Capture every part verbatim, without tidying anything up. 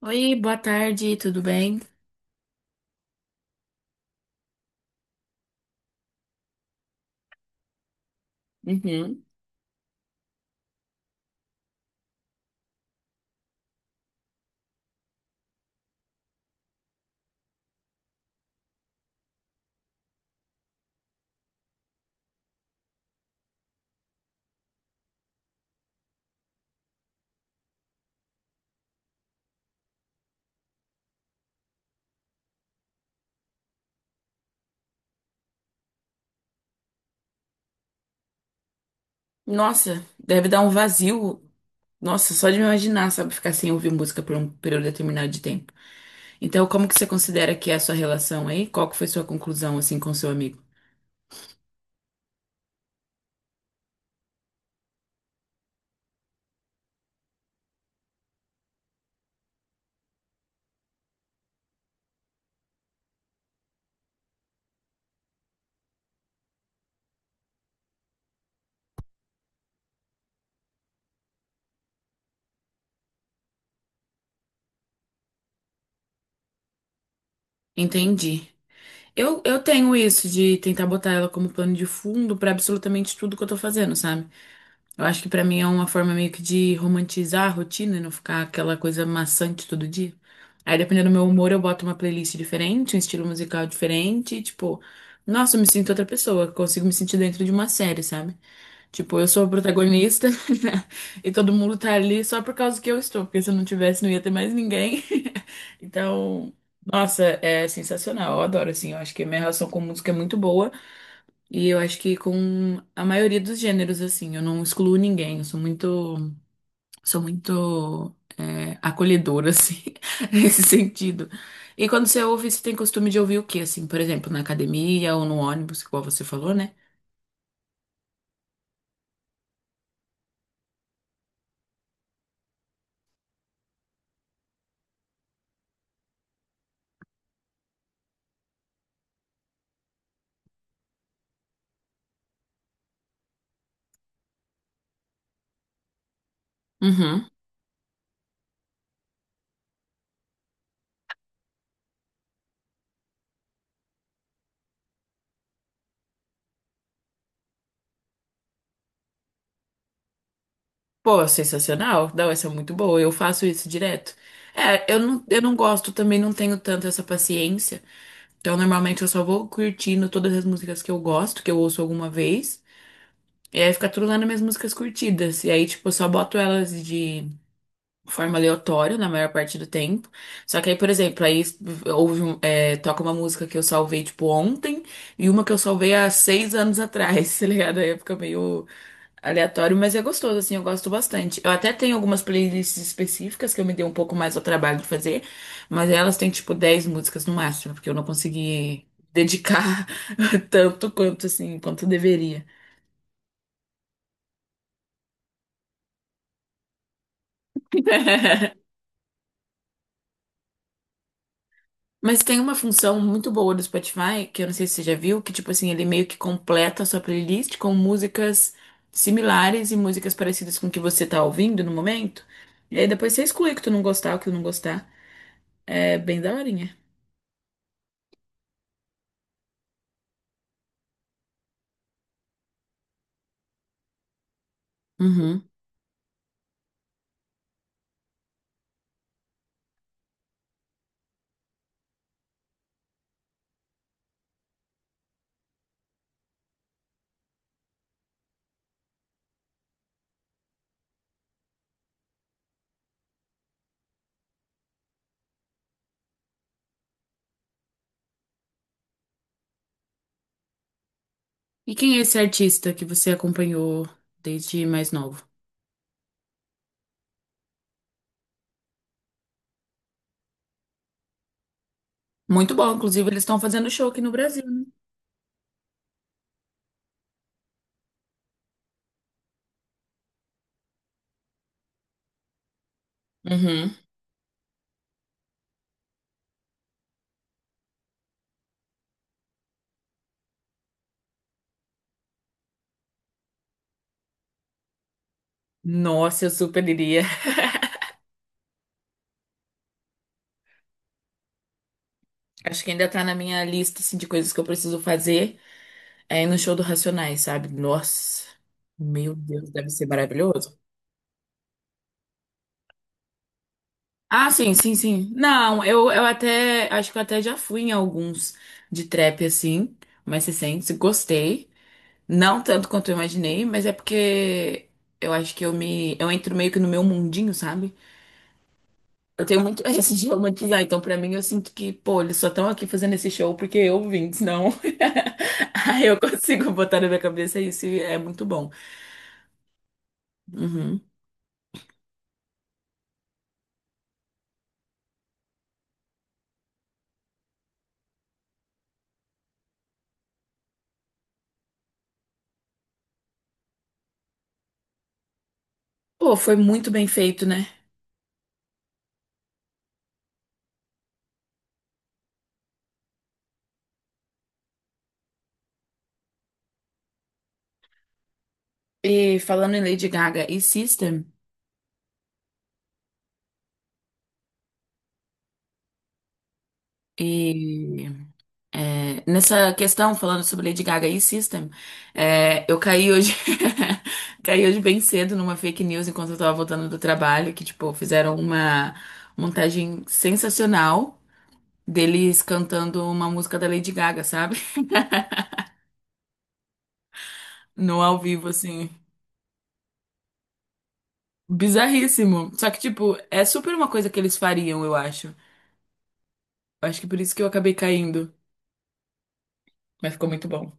Oi, boa tarde, tudo bem? Uhum. Nossa, deve dar um vazio. Nossa, só de me imaginar, sabe, ficar sem ouvir música por um período determinado de tempo. Então, como que você considera que é a sua relação aí? Qual que foi sua conclusão, assim, com seu amigo? Entendi. Eu, eu tenho isso de tentar botar ela como plano de fundo pra absolutamente tudo que eu tô fazendo, sabe? Eu acho que pra mim é uma forma meio que de romantizar a rotina e não ficar aquela coisa maçante todo dia. Aí, dependendo do meu humor, eu boto uma playlist diferente, um estilo musical diferente, e, tipo, nossa, eu me sinto outra pessoa, consigo me sentir dentro de uma série, sabe? Tipo, eu sou a protagonista e todo mundo tá ali só por causa que eu estou, porque se eu não tivesse, não ia ter mais ninguém. Então, nossa, é sensacional, eu adoro, assim, eu acho que a minha relação com música é muito boa. E eu acho que com a maioria dos gêneros, assim, eu não excluo ninguém, eu sou muito, sou muito é, acolhedora, assim, nesse sentido. E quando você ouve, você tem costume de ouvir o quê, assim, por exemplo, na academia ou no ônibus, igual você falou, né? Uhum. Pô, sensacional. Não, essa é muito boa. Eu faço isso direto. É, eu não, eu não gosto, também não tenho tanto essa paciência. Então, normalmente, eu só vou curtindo todas as músicas que eu gosto, que eu ouço alguma vez. E aí fica tudo lá nas minhas músicas curtidas. E aí, tipo, eu só boto elas de forma aleatória na maior parte do tempo. Só que aí, por exemplo, aí houve um- é, toca uma música que eu salvei, tipo, ontem e uma que eu salvei há seis anos atrás, tá ligado? Aí fica meio aleatório, mas é gostoso, assim, eu gosto bastante. Eu até tenho algumas playlists específicas que eu me dei um pouco mais ao trabalho de fazer, mas elas têm, tipo, dez músicas no máximo, porque eu não consegui dedicar tanto quanto, assim, quanto deveria. Mas tem uma função muito boa do Spotify, que eu não sei se você já viu, que tipo assim, ele meio que completa a sua playlist com músicas similares e músicas parecidas com o que você tá ouvindo no momento. E aí depois você exclui o que tu não gostar, o que tu não gostar. É bem daorinha. Uhum. E quem é esse artista que você acompanhou desde mais novo? Muito bom, inclusive eles estão fazendo show aqui no Brasil, né? Uhum. Nossa, eu super iria. Acho que ainda tá na minha lista assim, de coisas que eu preciso fazer. É ir no show do Racionais, sabe? Nossa, meu Deus, deve ser maravilhoso. Ah, sim, sim, sim. Não, eu, eu até, acho que eu até já fui em alguns de trap assim, mais recentes, gostei. Não tanto quanto eu imaginei, mas é porque eu acho que eu me, eu entro meio que no meu mundinho, sabe? Eu tenho muito esse de romantizar, então pra mim eu sinto que, pô, eles só estão aqui fazendo esse show porque eu vim, senão aí eu consigo botar na minha cabeça isso e é muito bom. Uhum. Pô, foi muito bem feito, né? E falando em Lady Gaga e System, e É, nessa questão, falando sobre Lady Gaga e System, é, eu caí hoje, caí hoje bem cedo numa fake news enquanto eu tava voltando do trabalho, que, tipo, fizeram uma montagem sensacional deles cantando uma música da Lady Gaga, sabe? No ao vivo, assim. Bizarríssimo. Só que, tipo, é super uma coisa que eles fariam, eu acho. Eu acho que por isso que eu acabei caindo. Mas ficou muito bom.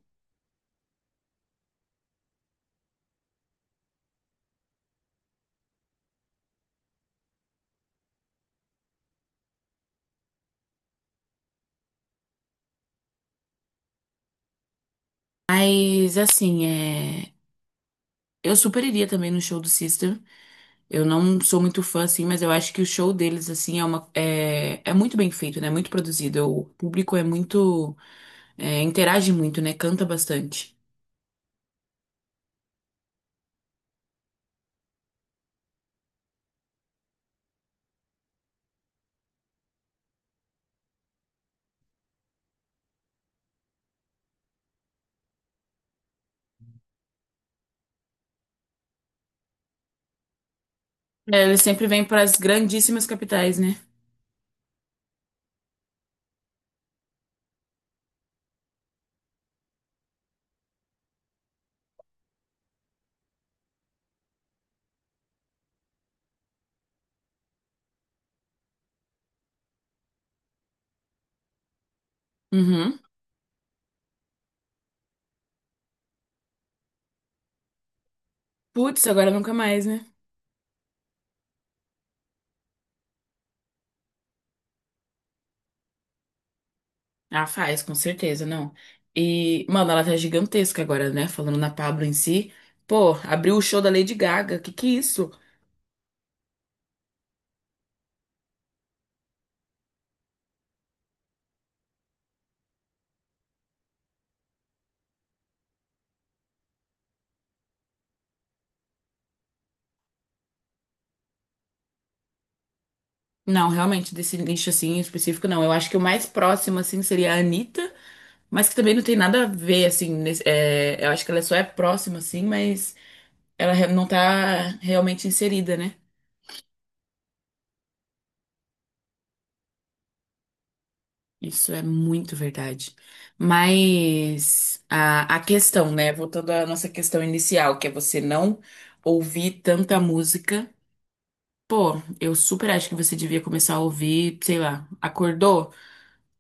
Mas assim, é, eu super iria também no show do Sister. Eu não sou muito fã, assim, mas eu acho que o show deles, assim, é uma, é, é muito bem feito, né? Muito produzido. O público é muito. É, interage muito, né? Canta bastante. É, eles sempre vêm para as grandíssimas capitais, né? Uhum. Putz, agora nunca mais, né? Ah, faz, com certeza, não. E, mano, ela tá gigantesca agora, né? Falando na Pablo em si. Pô, abriu o show da Lady Gaga. Que que é isso? Não, realmente, desse nicho assim em específico, não. Eu acho que o mais próximo, assim, seria a Anitta, mas que também não tem nada a ver, assim. nesse- é, eu acho que ela só é próxima, assim, mas ela re- não tá realmente inserida, né? Isso é muito verdade. Mas a, a questão, né? Voltando à nossa questão inicial, que é você não ouvir tanta música. Pô, eu super acho que você devia começar a ouvir, sei lá, acordou?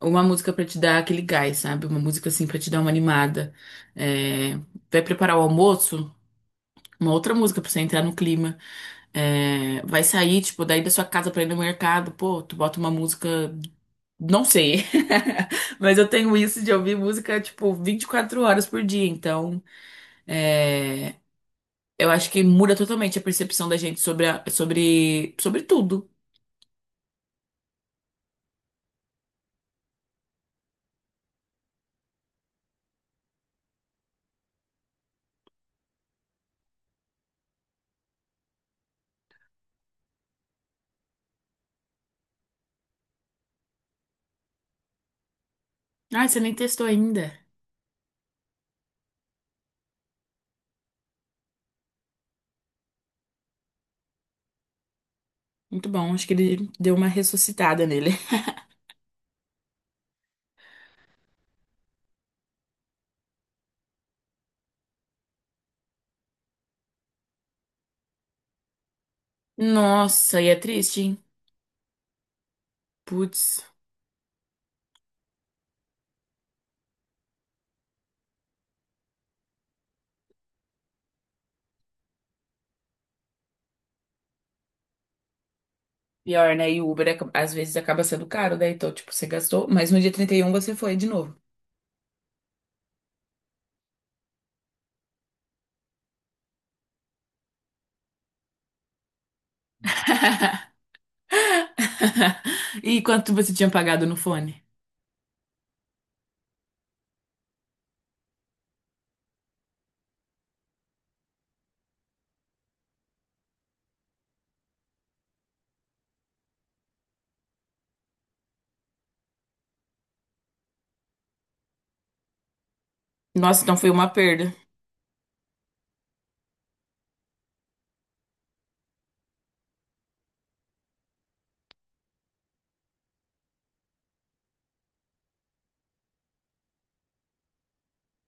Uma música pra te dar aquele gás, sabe? Uma música assim pra te dar uma animada. É, vai preparar o almoço, uma outra música pra você entrar no clima. É, vai sair, tipo, daí da sua casa pra ir no mercado, pô, tu bota uma música. Não sei. Mas eu tenho isso de ouvir música, tipo, vinte e quatro horas por dia. Então, eu acho que muda totalmente a percepção da gente sobre, a- sobre, sobre tudo. Ah, você nem testou ainda. Muito bom, acho que ele deu uma ressuscitada nele. Nossa, e é triste, hein? Putz. Pior, né? E o Uber é- às vezes acaba sendo caro, né? Então, tipo, você gastou, mas no dia trinta e um você foi de novo. E quanto você tinha pagado no fone? Nossa, então foi uma perda.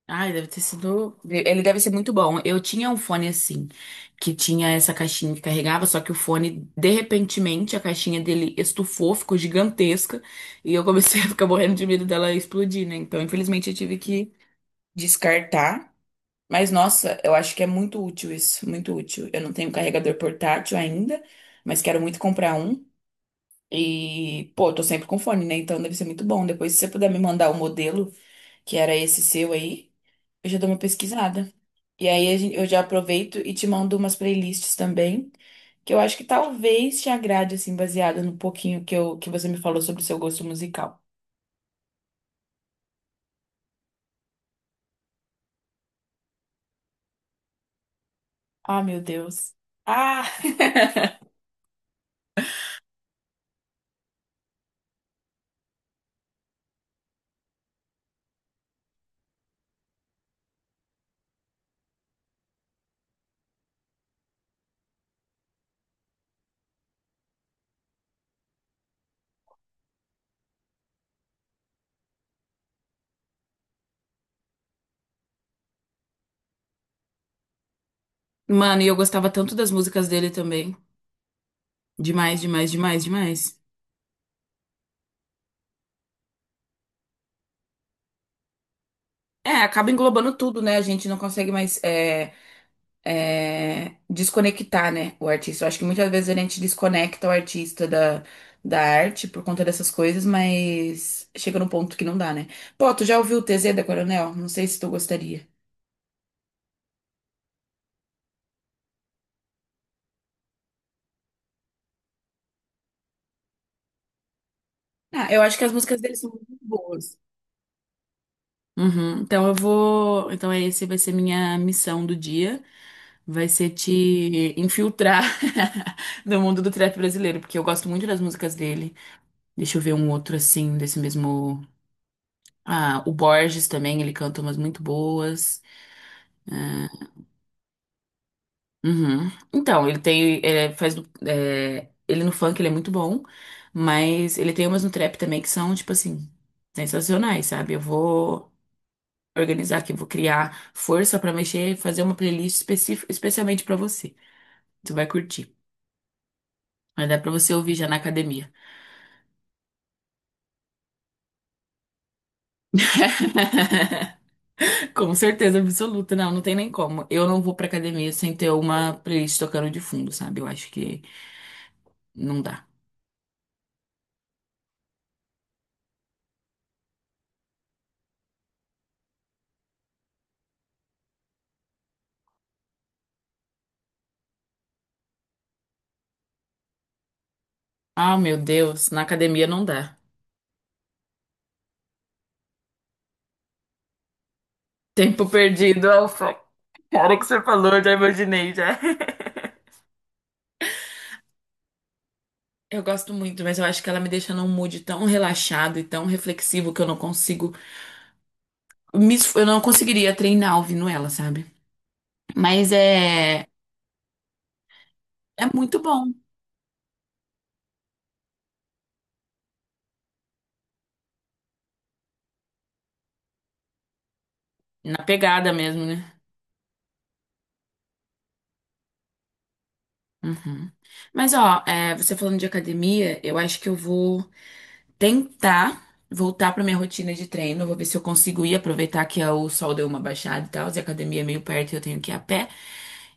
Ai, deve ter sido. Ele deve ser muito bom. Eu tinha um fone assim, que tinha essa caixinha que carregava, só que o fone, de repentemente, a caixinha dele estufou, ficou gigantesca, e eu comecei a ficar morrendo de medo dela explodir, né? Então, infelizmente, eu tive que descartar. Mas nossa, eu acho que é muito útil isso, muito útil. Eu não tenho carregador portátil ainda, mas quero muito comprar um. E, pô, eu tô sempre com fone, né? Então deve ser muito bom. Depois, se você puder me mandar o modelo, que era esse seu aí, eu já dou uma pesquisada. E aí a gen- eu já aproveito e te mando umas playlists também, que eu acho que talvez te agrade, assim, baseada no pouquinho que, eu, que você me falou sobre o seu gosto musical. Ah, meu Deus. Ah! Mano, e eu gostava tanto das músicas dele também. Demais, demais, demais, demais. É, acaba englobando tudo, né? A gente não consegue mais é, é, desconectar, né, o artista. Eu acho que muitas vezes a gente desconecta o artista da, da arte por conta dessas coisas, mas chega num ponto que não dá, né? Pô, tu já ouviu o T Z da Coronel? Não sei se tu gostaria. Ah, eu acho que as músicas dele são muito boas. Uhum. Então eu vou. Então esse vai ser minha missão do dia. Vai ser te infiltrar no mundo do trap brasileiro, porque eu gosto muito das músicas dele. Deixa eu ver um outro assim, desse mesmo. Ah, o Borges também, ele canta umas muito boas. Uhum. Então, ele tem. é, faz, é, ele no funk ele é muito bom, mas ele tem umas no trap também que são, tipo assim, sensacionais, sabe? Eu vou organizar aqui, eu vou criar força pra mexer e fazer uma playlist específica, especialmente pra você. Você vai curtir. Vai dar pra você ouvir já na academia. Com certeza absoluta, não, não tem nem como. Eu não vou pra academia sem ter uma playlist tocando de fundo, sabe? Eu acho que não dá. Ah, meu Deus, na academia não dá. Tempo perdido, Alfa. Cara que você falou, já imaginei, já. Eu gosto muito, mas eu acho que ela me deixa num mood tão relaxado e tão reflexivo que eu não consigo, me esf- eu não conseguiria treinar ouvindo ela, sabe? Mas é, é muito bom, na pegada mesmo, né? Uhum. Mas ó, é, você falando de academia, eu acho que eu vou tentar voltar pra minha rotina de treino. Eu vou ver se eu consigo ir, aproveitar que é o sol deu uma baixada e tal, e a academia é meio perto e eu tenho que ir a pé.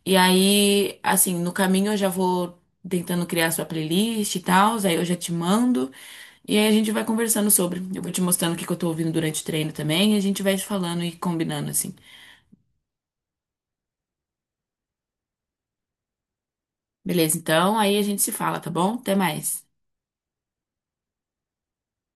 E aí, assim, no caminho eu já vou tentando criar sua playlist e tal, aí eu já te mando. E aí a gente vai conversando sobre. Eu vou te mostrando o que que eu tô ouvindo durante o treino também, e a gente vai falando e combinando assim. Beleza, então aí a gente se fala, tá bom? Até mais.